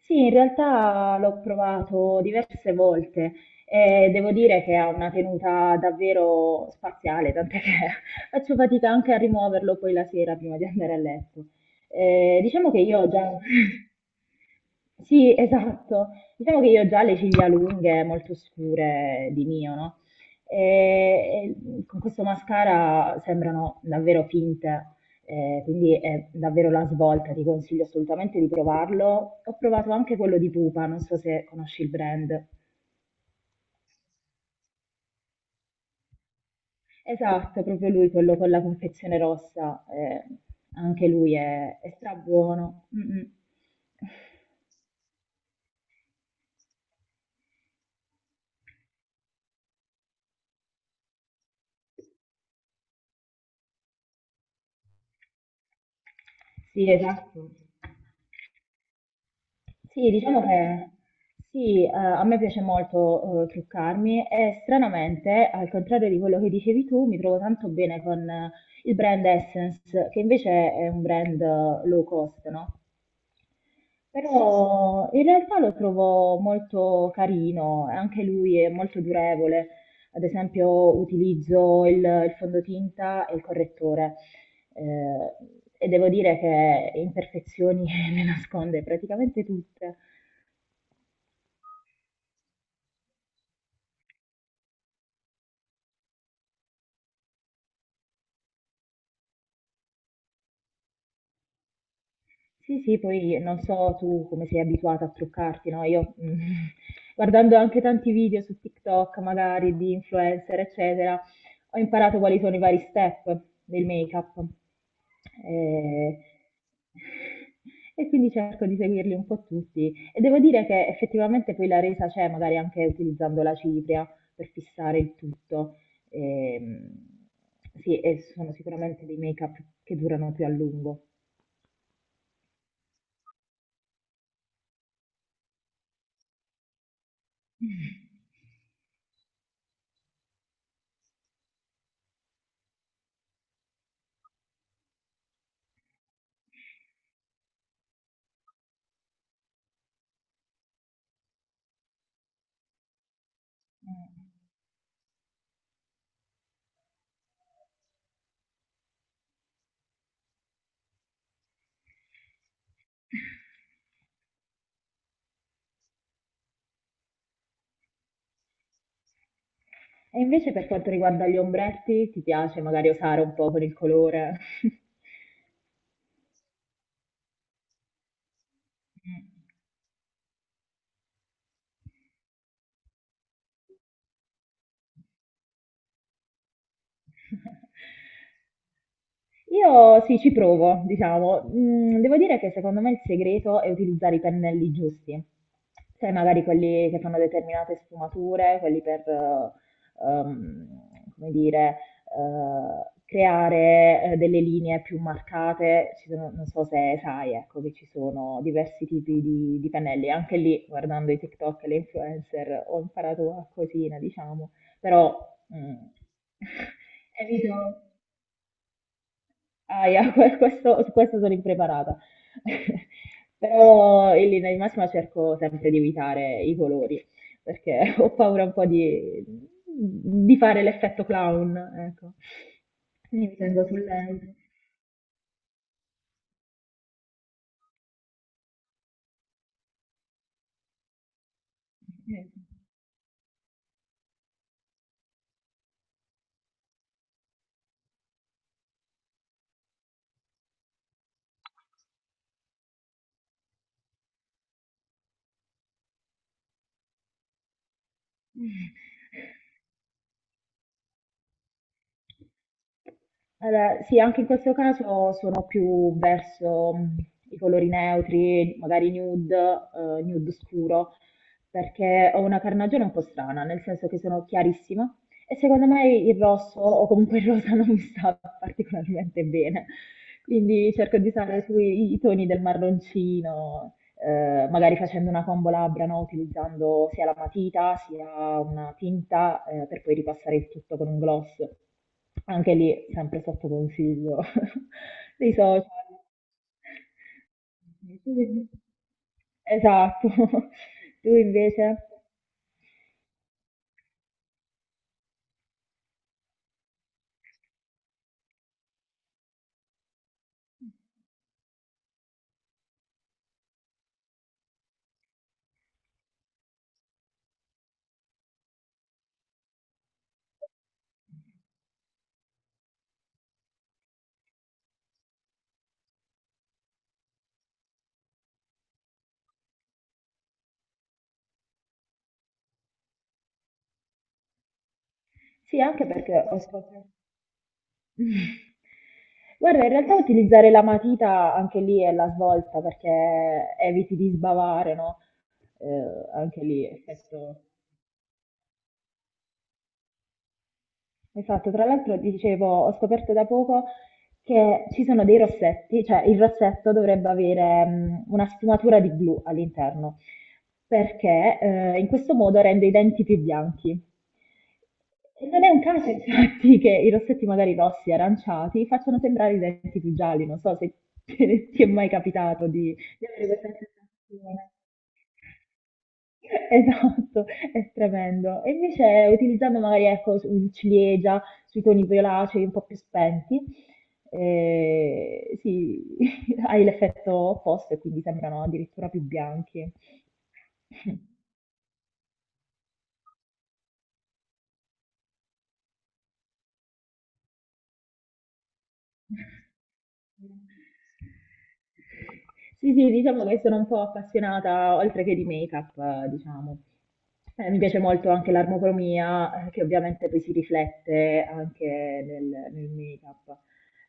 Sì, in realtà l'ho provato diverse volte e devo dire che ha una tenuta davvero spaziale, tant'è che faccio fatica anche a rimuoverlo poi la sera prima di andare a letto. Diciamo che io ho già... Sì, esatto. Diciamo che io ho già le ciglia lunghe, molto scure di mio, no? E, e con questo mascara sembrano davvero finte. Quindi è davvero la svolta, ti consiglio assolutamente di provarlo. Ho provato anche quello di Pupa, non so se conosci il brand. Esatto, proprio lui, quello con la confezione rossa, anche lui è strabuono. Mm, mm. Sì, esatto. Sì, diciamo che sì, a me piace molto truccarmi e stranamente, al contrario di quello che dicevi tu, mi trovo tanto bene con il brand Essence, che invece è un brand low cost, no? Però in realtà lo trovo molto carino, anche lui è molto durevole. Ad esempio, utilizzo il fondotinta e il correttore. Eh, e devo dire che imperfezioni me ne nasconde praticamente tutte. Sì, sì, poi non so tu come sei abituata a truccarti, no? Io mm, guardando anche tanti video su TikTok, magari di influencer, eccetera, ho imparato quali sono i vari step del make-up. Eh, e quindi cerco di seguirli un po' tutti. E devo dire che effettivamente poi la resa c'è, magari anche utilizzando la cipria per fissare il tutto. Ehm, sì, e sono sicuramente dei make-up che durano più a lungo. Eh. E invece per quanto riguarda gli ombretti, ti piace magari osare un po' con il colore? Mm. Io sì, ci provo, diciamo. Mhmm, devo dire che secondo me il segreto è utilizzare i pennelli giusti. Sai magari quelli che fanno determinate sfumature, quelli per, uhm, come dire, creare, delle linee più marcate. Ci sono, non so se sai, ecco, che ci sono diversi tipi di pennelli. Anche lì guardando i TikTok e le influencer ho imparato qualcosina, diciamo, però, mhmm, evito. Aia, questo, su questo sono impreparata. Però in linea di massima cerco sempre di evitare i colori, perché ho paura un po' di fare l'effetto clown, ecco. Quindi mi tengo sul... lento. Allora, sì, anche in questo caso sono più verso i colori neutri, magari nude, nude scuro, perché ho una carnagione un po' strana, nel senso che sono chiarissima e secondo me il rosso o comunque il rosa non mi sta particolarmente bene. Quindi cerco di usare i toni del marroncino, magari facendo una combo labbra, no? Utilizzando sia la matita sia una tinta, per poi ripassare il tutto con un gloss. Anche lì, sempre sotto consiglio dei social. Esatto. Tu invece? Sì, anche perché ho guarda, in realtà utilizzare la matita anche lì è la svolta perché eviti di sbavare, no? Anche lì, effetto esatto, tra l'altro dicevo, ho scoperto da poco che ci sono dei rossetti, cioè il rossetto dovrebbe avere una sfumatura di blu all'interno, perché in questo modo rende i denti più bianchi. E non è un caso, infatti, che i rossetti magari rossi, aranciati, facciano sembrare i denti più gialli, non so se ti è mai capitato di io avevo questa sensazione. Esatto, è tremendo. E invece utilizzando magari ecco, il ciliegia sui toni violacei un po' più spenti, sì, hai l'effetto opposto e quindi sembrano addirittura più bianchi. Sì, sì, diciamo che sono un po' appassionata oltre che di make-up, diciamo. Mi piace molto anche l'armocromia, che ovviamente poi si riflette anche nel, nel make-up,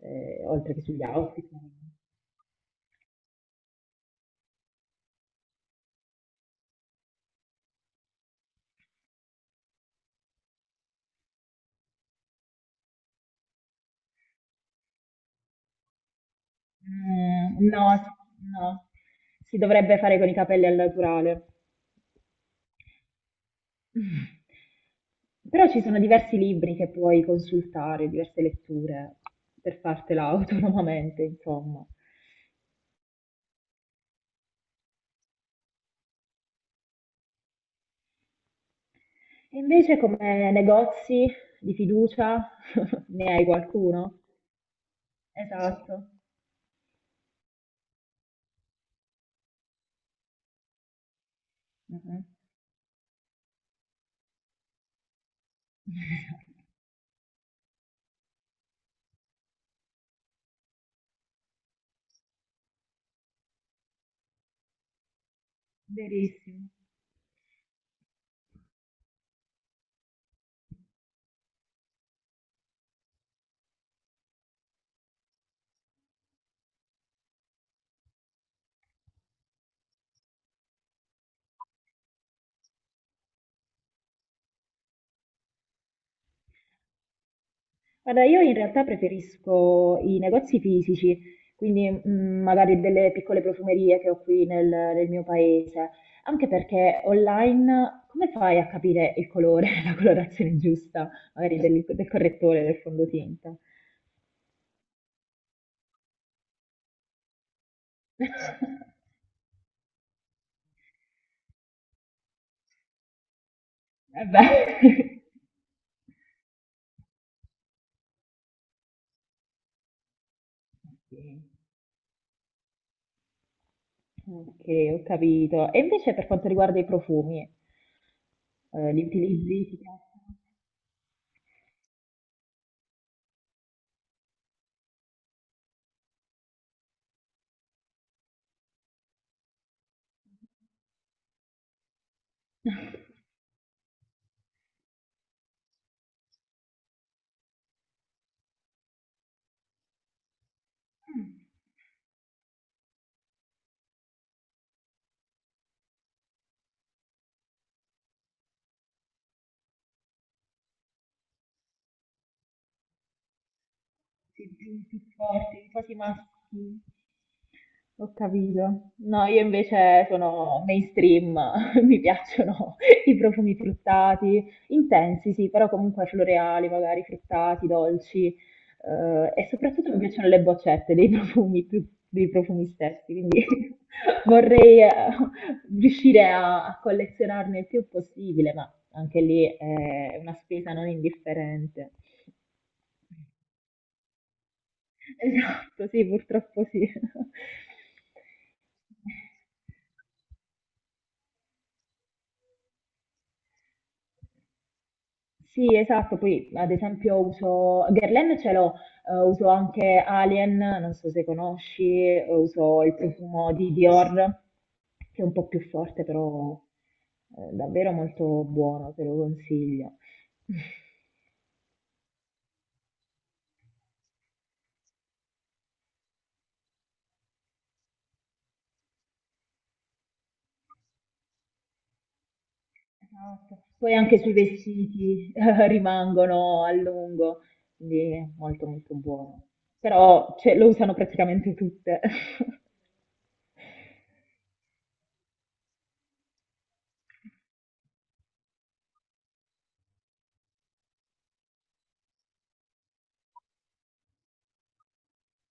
oltre che sugli outfit. Mm, no, no, si dovrebbe fare con i capelli al naturale. Mh. Però ci sono diversi libri che puoi consultare, diverse letture per fartela autonomamente, insomma. E invece come negozi di fiducia ne hai qualcuno? Sì. Esatto. Mh-mh. Verissimo. Guarda, io in realtà preferisco i negozi fisici, quindi mm, magari delle piccole profumerie che ho qui nel mio paese, anche perché online come fai a capire il colore, la colorazione giusta, magari del correttore, del fondotinta? Eh beh. Ok, ho capito. E invece per quanto riguarda i profumi, li utilizzi? Ti piacciono? Sì, più forti, quasi maschi. Ho capito. No, io invece sono mainstream, mi piacciono i profumi fruttati, intensi, sì, però comunque floreali, magari fruttati, dolci, e soprattutto mi piacciono le boccette dei profumi, più dei profumi stessi, quindi vorrei riuscire a collezionarne il più possibile, ma anche lì è una spesa non indifferente. Esatto, sì, purtroppo sì. Sì, esatto, poi ad esempio uso Guerlain ce l'ho, uso anche Alien, non so se conosci, uso il profumo di Dior, che è un po' più forte, però davvero molto buono, te lo consiglio. Esatto. Poi anche sui vestiti rimangono a lungo, quindi è molto molto buono. Però cioè, lo usano praticamente tutte.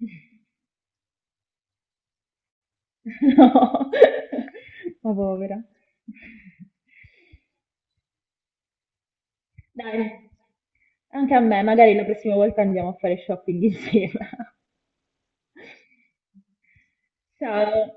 No, ma povera. Dai, anche a me, magari la prossima volta andiamo a fare shopping insieme. Ciao.